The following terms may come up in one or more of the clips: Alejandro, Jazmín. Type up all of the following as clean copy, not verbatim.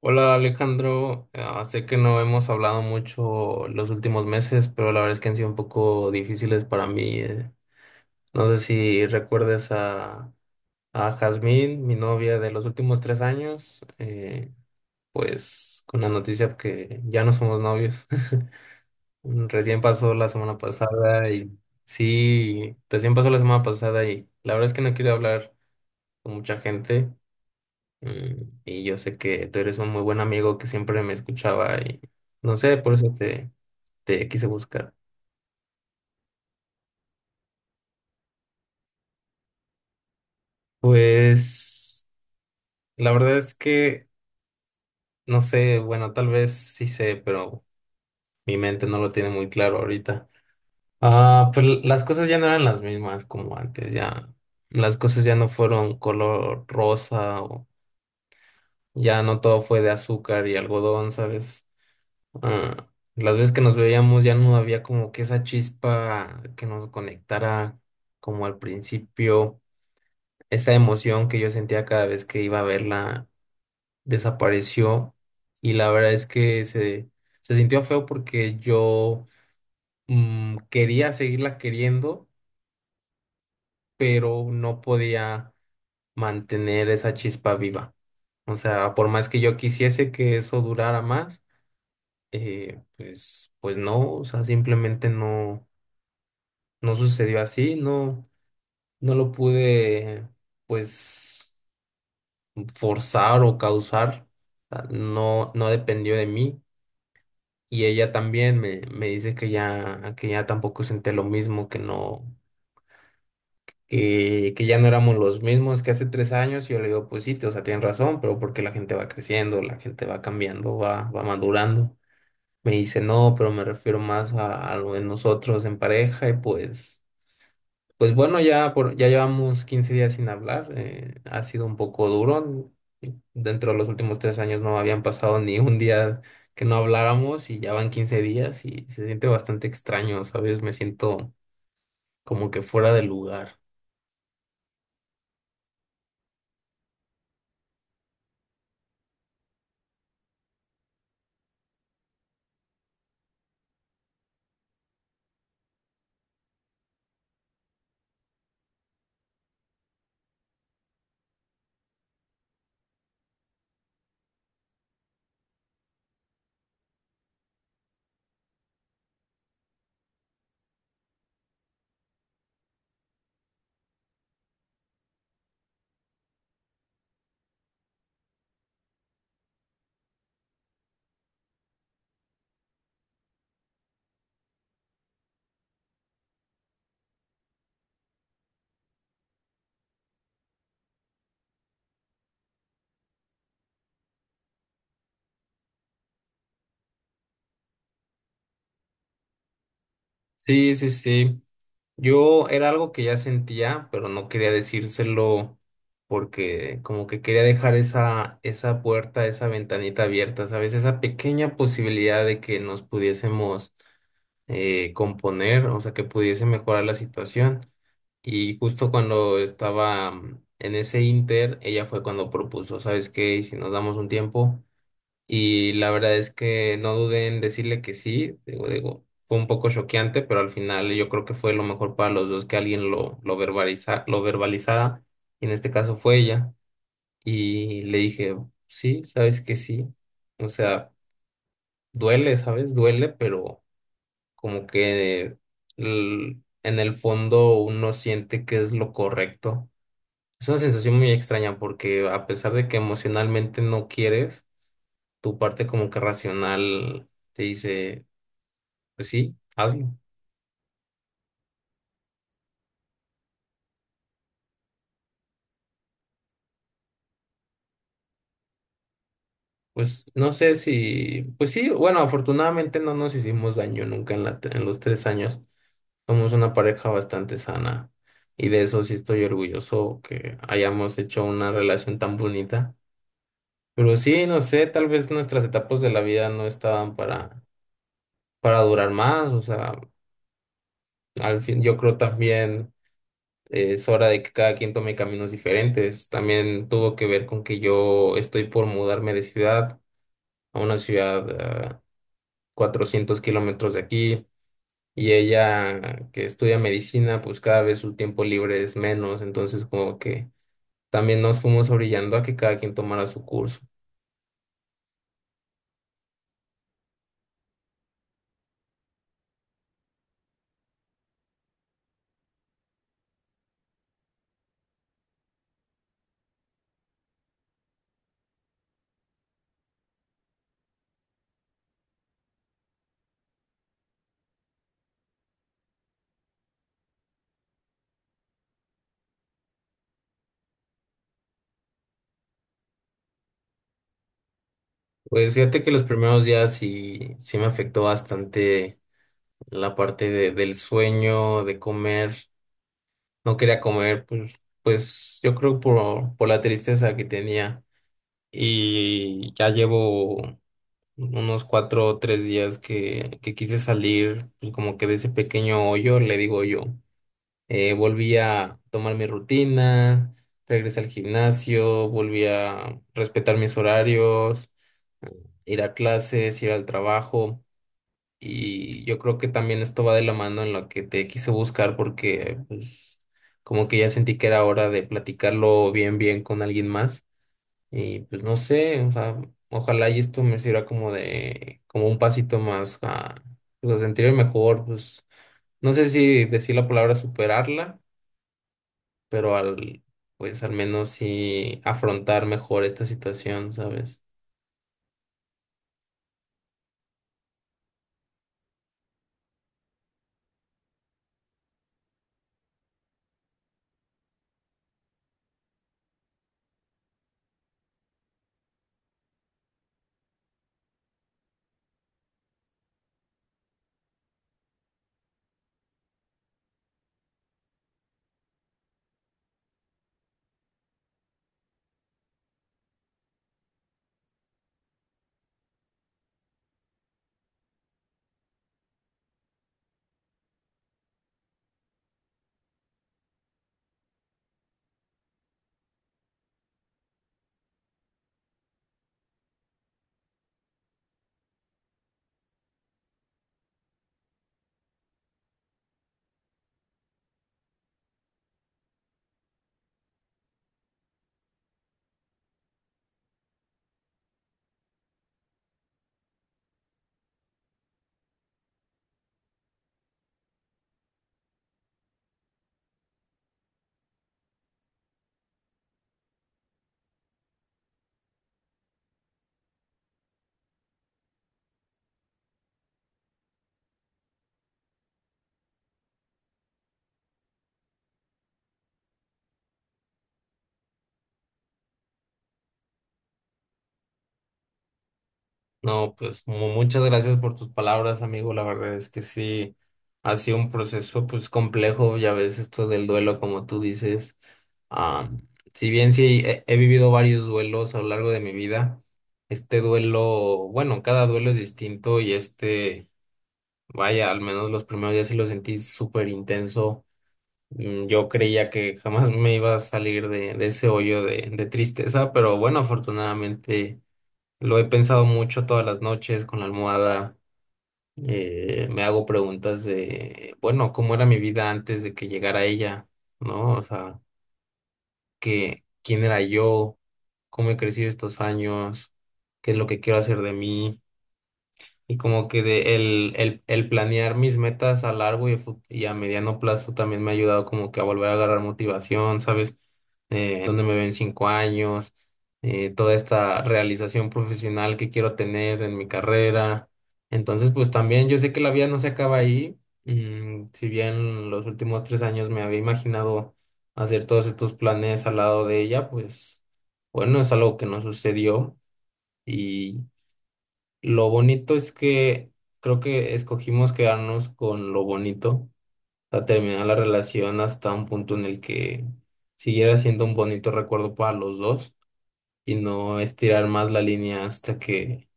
Hola Alejandro, ah, sé que no hemos hablado mucho los últimos meses, pero la verdad es que han sido un poco difíciles para mí. No sé si recuerdes a, Jazmín, mi novia de los últimos 3 años. Pues con la noticia que ya no somos novios. Recién pasó la semana pasada y sí, recién pasó la semana pasada, y la verdad es que no quiero hablar con mucha gente. Y yo sé que tú eres un muy buen amigo que siempre me escuchaba, y no sé, por eso te quise buscar. Pues la verdad es que no sé, bueno, tal vez sí sé, pero mi mente no lo tiene muy claro ahorita. Ah, pues las cosas ya no eran las mismas como antes, ya las cosas ya no fueron color rosa, o ya no todo fue de azúcar y algodón, ¿sabes? Ah, las veces que nos veíamos ya no había como que esa chispa que nos conectara como al principio, esa emoción que yo sentía cada vez que iba a verla desapareció, y la verdad es que se sintió feo, porque yo, quería seguirla queriendo, pero no podía mantener esa chispa viva. O sea, por más que yo quisiese que eso durara más, pues no, o sea, simplemente no. No sucedió así, no, no lo pude, pues, forzar o causar, ah, no, no dependió de mí. Y ella también me dice que ya tampoco senté lo mismo, que no, que ya no éramos los mismos que hace 3 años. Y yo le digo, pues sí, o sea, tienes razón, pero porque la gente va creciendo, la gente va cambiando, va madurando. Me dice, no, pero me refiero más a, lo de nosotros en pareja y pues. Pues bueno, ya llevamos 15 días sin hablar. Ha sido un poco duro. Dentro de los últimos 3 años no habían pasado ni un día que no habláramos, y ya van 15 días y se siente bastante extraño, ¿sabes? Me siento como que fuera de lugar. Sí, sí, sí. Yo era algo que ya sentía, pero no quería decírselo, porque como que quería dejar esa puerta, esa ventanita abierta, ¿sabes? Esa pequeña posibilidad de que nos pudiésemos, componer, o sea, que pudiese mejorar la situación. Y justo cuando estaba, en ese inter, ella fue cuando propuso, ¿sabes qué? ¿Y si nos damos un tiempo? Y la verdad es que no dudé en decirle que sí. Digo, fue un poco choqueante, pero al final yo creo que fue lo mejor para los dos que alguien lo lo verbalizara. Y en este caso fue ella. Y le dije, sí, sabes que sí. O sea, duele, ¿sabes? Duele, pero como que, en el fondo uno siente que es lo correcto. Es una sensación muy extraña, porque a pesar de que emocionalmente no quieres, tu parte como que racional te dice, pues sí, hazlo. Pues no sé si, pues sí, bueno, afortunadamente no nos hicimos daño nunca en en los 3 años. Somos una pareja bastante sana, y de eso sí estoy orgulloso que hayamos hecho una relación tan bonita. Pero sí, no sé, tal vez nuestras etapas de la vida no estaban para durar más. O sea, al fin, yo creo también es hora de que cada quien tome caminos diferentes. También tuvo que ver con que yo estoy por mudarme de ciudad a una ciudad a 400 kilómetros de aquí, y ella que estudia medicina, pues cada vez su tiempo libre es menos, entonces como que también nos fuimos orillando a que cada quien tomara su curso. Pues fíjate que los primeros días sí, sí me afectó bastante la parte del sueño, de comer. No quería comer, pues, pues yo creo por la tristeza que tenía. Y ya llevo unos 4 o 3 días que, quise salir, pues como que de ese pequeño hoyo, le digo yo. Volví a tomar mi rutina, regresé al gimnasio, volví a respetar mis horarios, ir a clases, ir al trabajo. Y yo creo que también esto va de la mano en lo que te quise buscar, porque pues como que ya sentí que era hora de platicarlo bien bien con alguien más, y pues no sé, o sea, ojalá y esto me sirva como de como un pasito más a, pues, a sentirme mejor, pues no sé si decir la palabra superarla, pero al pues al menos sí afrontar mejor esta situación, ¿sabes? No, pues muchas gracias por tus palabras, amigo. La verdad es que sí, ha sido un proceso pues complejo, ya ves, esto del duelo, como tú dices. Ah, si bien sí he vivido varios duelos a lo largo de mi vida, este duelo, bueno, cada duelo es distinto y este, vaya, al menos los primeros días sí lo sentí súper intenso. Yo creía que jamás me iba a salir de ese hoyo de tristeza, pero bueno, afortunadamente. Lo he pensado mucho todas las noches con la almohada. Me hago preguntas de, bueno, ¿cómo era mi vida antes de que llegara ella? ¿No? O sea, quién era yo? ¿Cómo he crecido estos años? ¿Qué es lo que quiero hacer de mí? Y como que de el planear mis metas a largo y, y a mediano plazo también me ha ayudado como que a volver a agarrar motivación, ¿sabes? Dónde me ven 5 años, toda esta realización profesional que quiero tener en mi carrera. Entonces, pues también yo sé que la vida no se acaba ahí. Si bien los últimos 3 años me había imaginado hacer todos estos planes al lado de ella, pues bueno, es algo que no sucedió. Lo bonito es que creo que escogimos quedarnos con lo bonito, a terminar la relación hasta un punto en el que siguiera siendo un bonito recuerdo para los dos, y no estirar más la línea hasta que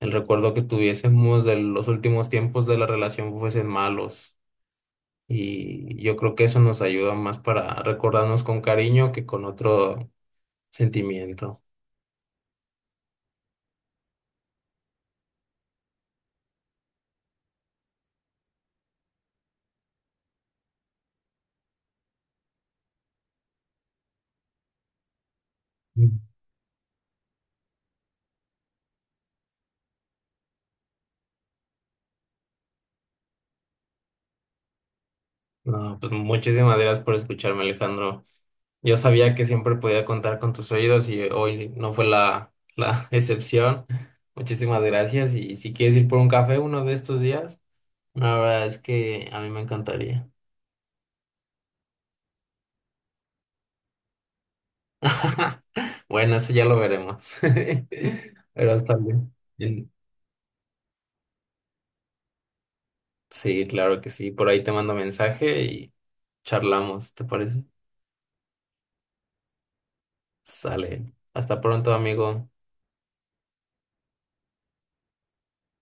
el recuerdo que tuviésemos de los últimos tiempos de la relación fuesen malos. Y yo creo que eso nos ayuda más para recordarnos con cariño que con otro sentimiento. Mm. No, pues muchísimas gracias por escucharme, Alejandro. Yo sabía que siempre podía contar con tus oídos y hoy no fue la excepción. Muchísimas gracias. Y si quieres ir por un café uno de estos días, la verdad es que a mí me encantaría. Bueno, eso ya lo veremos. Pero está bien. Bien. Sí, claro que sí. Por ahí te mando mensaje y charlamos, ¿te parece? Sale. Hasta pronto, amigo.